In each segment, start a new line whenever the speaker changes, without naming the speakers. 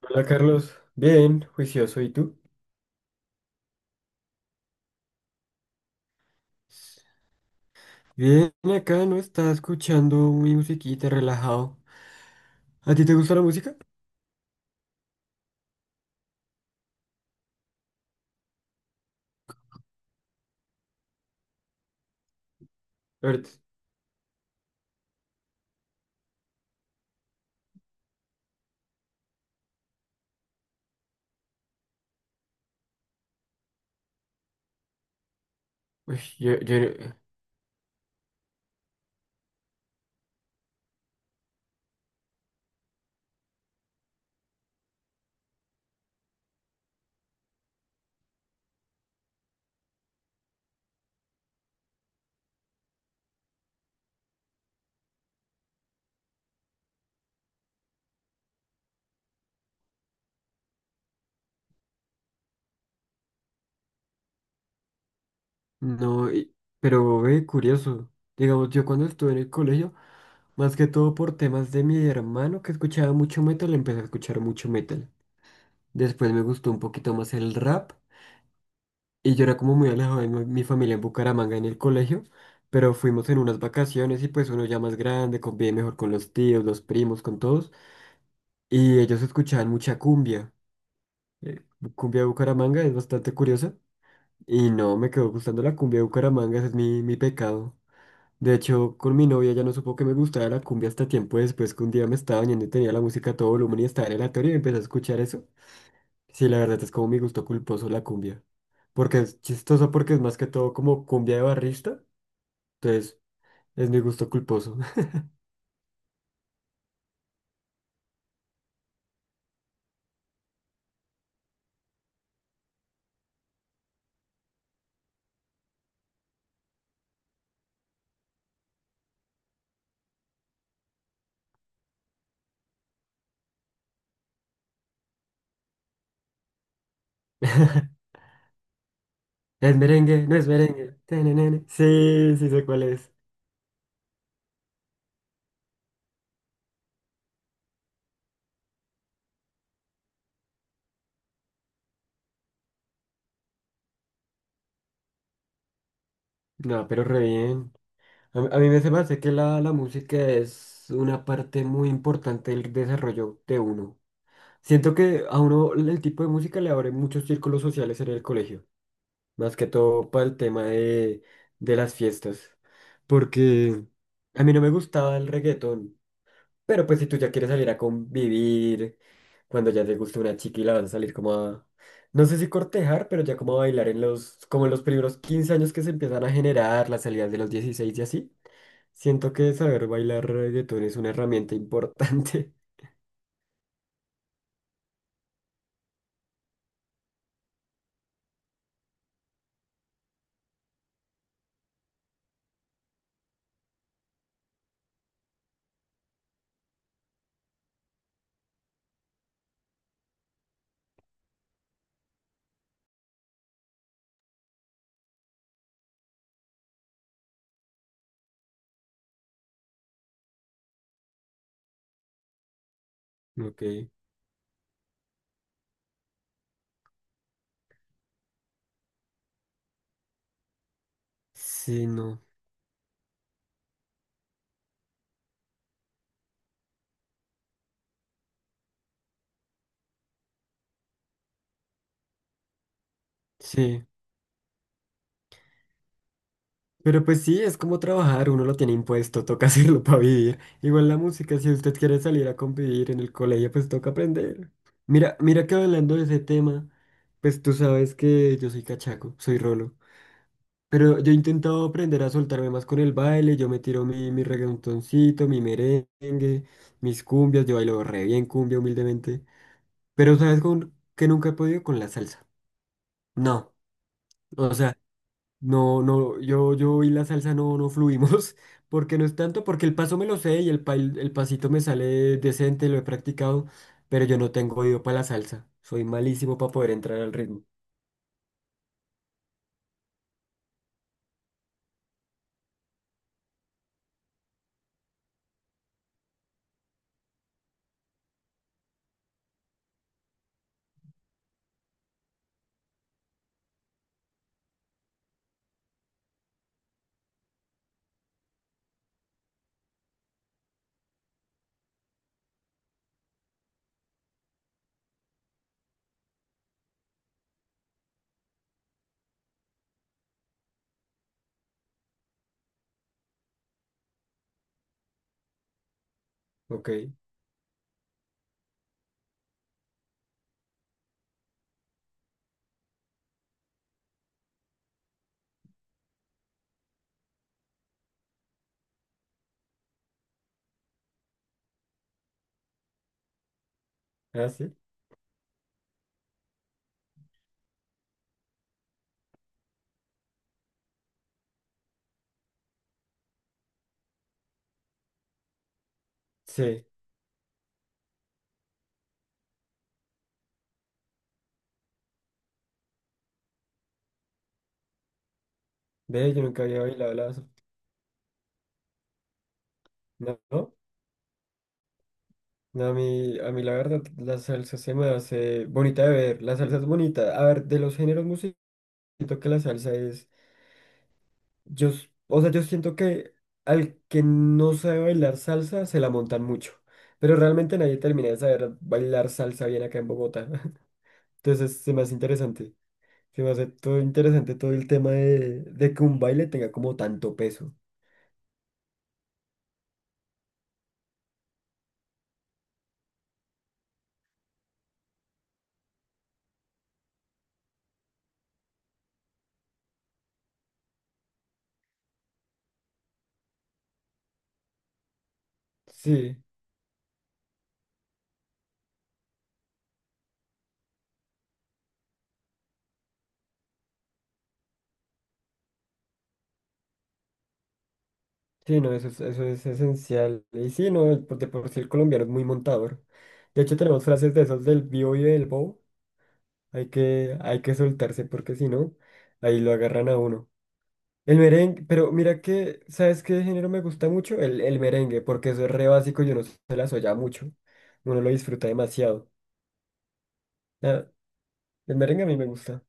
Hola Carlos, bien, juicioso, ¿y tú? Bien, acá no estaba escuchando mi musiquita, relajado. ¿A ti te gusta la música? Ahorita- uy, yo no, y- pero ve, curioso. Digamos, yo cuando estuve en el colegio, más que todo por temas de mi hermano que escuchaba mucho metal, empecé a escuchar mucho metal. Después me gustó un poquito más el rap. Y yo era como muy alejado de mi familia en Bucaramanga en el colegio, pero fuimos en unas vacaciones y pues uno ya más grande convive mejor con los tíos, los primos, con todos. Y ellos escuchaban mucha cumbia. eh, Cumbia de Bucaramanga es bastante curiosa. Y no, me quedó gustando la cumbia de Bucaramanga, ese es mi pecado. De hecho, con mi novia ya no supo que me gustaba la cumbia hasta tiempo después que un día me estaba bañando y tenía la música a todo volumen y estaba en el aleatorio y empecé a escuchar eso. Sí, la verdad es como mi gusto culposo la cumbia. Porque es chistoso porque es más que todo como cumbia de barrista. Entonces, es mi gusto culposo. Es merengue, no es merengue. Tenenene. Sí, sí sé cuál es. No, pero re bien. A mí me se me hace que la música es una parte muy importante del desarrollo de uno. Siento que a uno el tipo de música le abre muchos círculos sociales en el colegio. Más que todo para el tema de las fiestas, porque a mí no me gustaba el reggaetón, pero pues si tú ya quieres salir a convivir, cuando ya te gusta una chica y la vas a salir como a, no sé si cortejar, pero ya como a bailar en los, como en los primeros 15 años que se empiezan a generar, las salidas de los 16 y así, siento que saber bailar reggaetón es una herramienta importante. Ok, sí, no, sí. Pero pues sí, es como trabajar, uno lo tiene impuesto, toca hacerlo para vivir. Igual la música, si usted quiere salir a convivir en el colegio, pues toca aprender. Mira, mira que hablando de ese tema, pues tú sabes que yo soy cachaco, soy rolo. Pero yo he intentado aprender a soltarme más con el baile, yo me tiro mi reggaetoncito, mi merengue, mis cumbias, yo bailo re bien cumbia humildemente. Pero sabes con que nunca he podido con la salsa. No. O sea, no, no, yo y la salsa no, no fluimos, porque no es tanto, porque el paso me lo sé y el pasito me sale decente, lo he practicado, pero yo no tengo oído para la salsa. Soy malísimo para poder entrar al ritmo. Ok. ¿Ah, sí? Sí. Ve, yo nunca había bailado la salsa. No, no, no, a mí la verdad, la salsa se me hace bonita de ver. La salsa es bonita. A ver, de los géneros musicales, siento que la salsa es. O sea, yo siento que al que no sabe bailar salsa se la montan mucho, pero realmente nadie termina de saber bailar salsa bien acá en Bogotá. Entonces se me hace interesante, se me hace todo interesante todo el tema de que un baile tenga como tanto peso. Sí, sí, no, eso es esencial. Y sí, no, el- de por sí el colombiano es muy montador. De hecho, tenemos frases de esos del bio y del bow. Hay que soltarse porque si no, ahí lo agarran a uno. El merengue, pero mira que, ¿sabes qué género me gusta mucho? El merengue, porque eso es re básico, yo no se las oya mucho. Uno lo disfruta demasiado. Ah, el merengue a mí me gusta.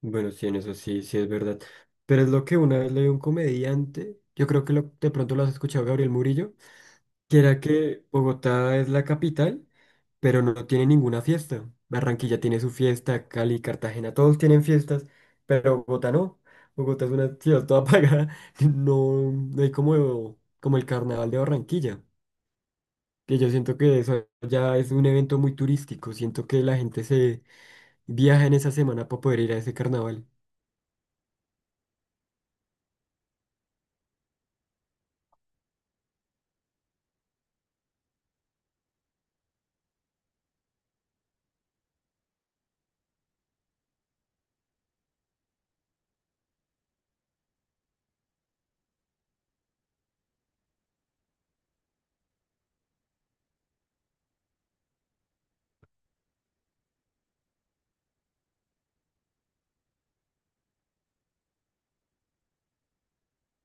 Bueno, sí, en eso sí, sí es verdad. Pero es lo que una vez leí a un comediante, yo creo que lo- de pronto lo has escuchado, Gabriel Murillo, que era que Bogotá es la capital, pero no tiene ninguna fiesta. Barranquilla tiene su fiesta, Cali, Cartagena, todos tienen fiestas, pero Bogotá no. Bogotá es una ciudad toda apagada. No, no hay como, como el carnaval de Barranquilla, que yo siento que eso ya es un evento muy turístico. Siento que la gente se viaja en esa semana para poder ir a ese carnaval.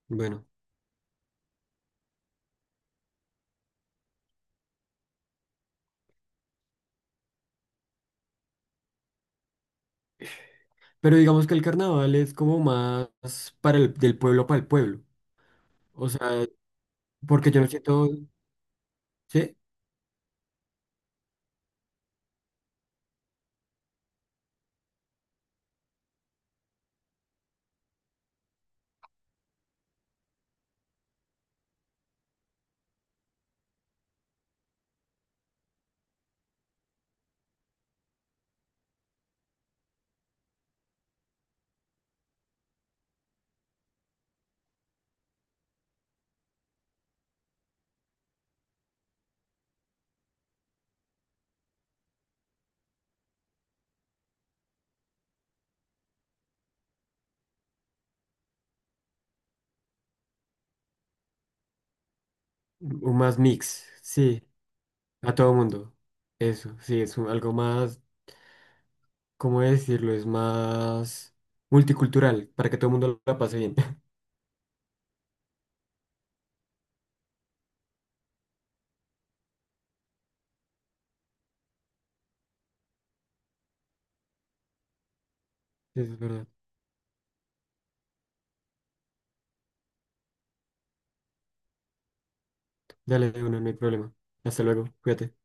Bueno, pero digamos que el carnaval es como más para el, del pueblo para el pueblo. O sea, porque yo no siento, ¿sí? O más mix, sí. A todo mundo. Eso, sí, es un- algo más, ¿cómo decirlo? Es más multicultural, para que todo el mundo la pase bien. Eso es verdad. Dale, de una, no hay problema. Hasta luego, cuídate.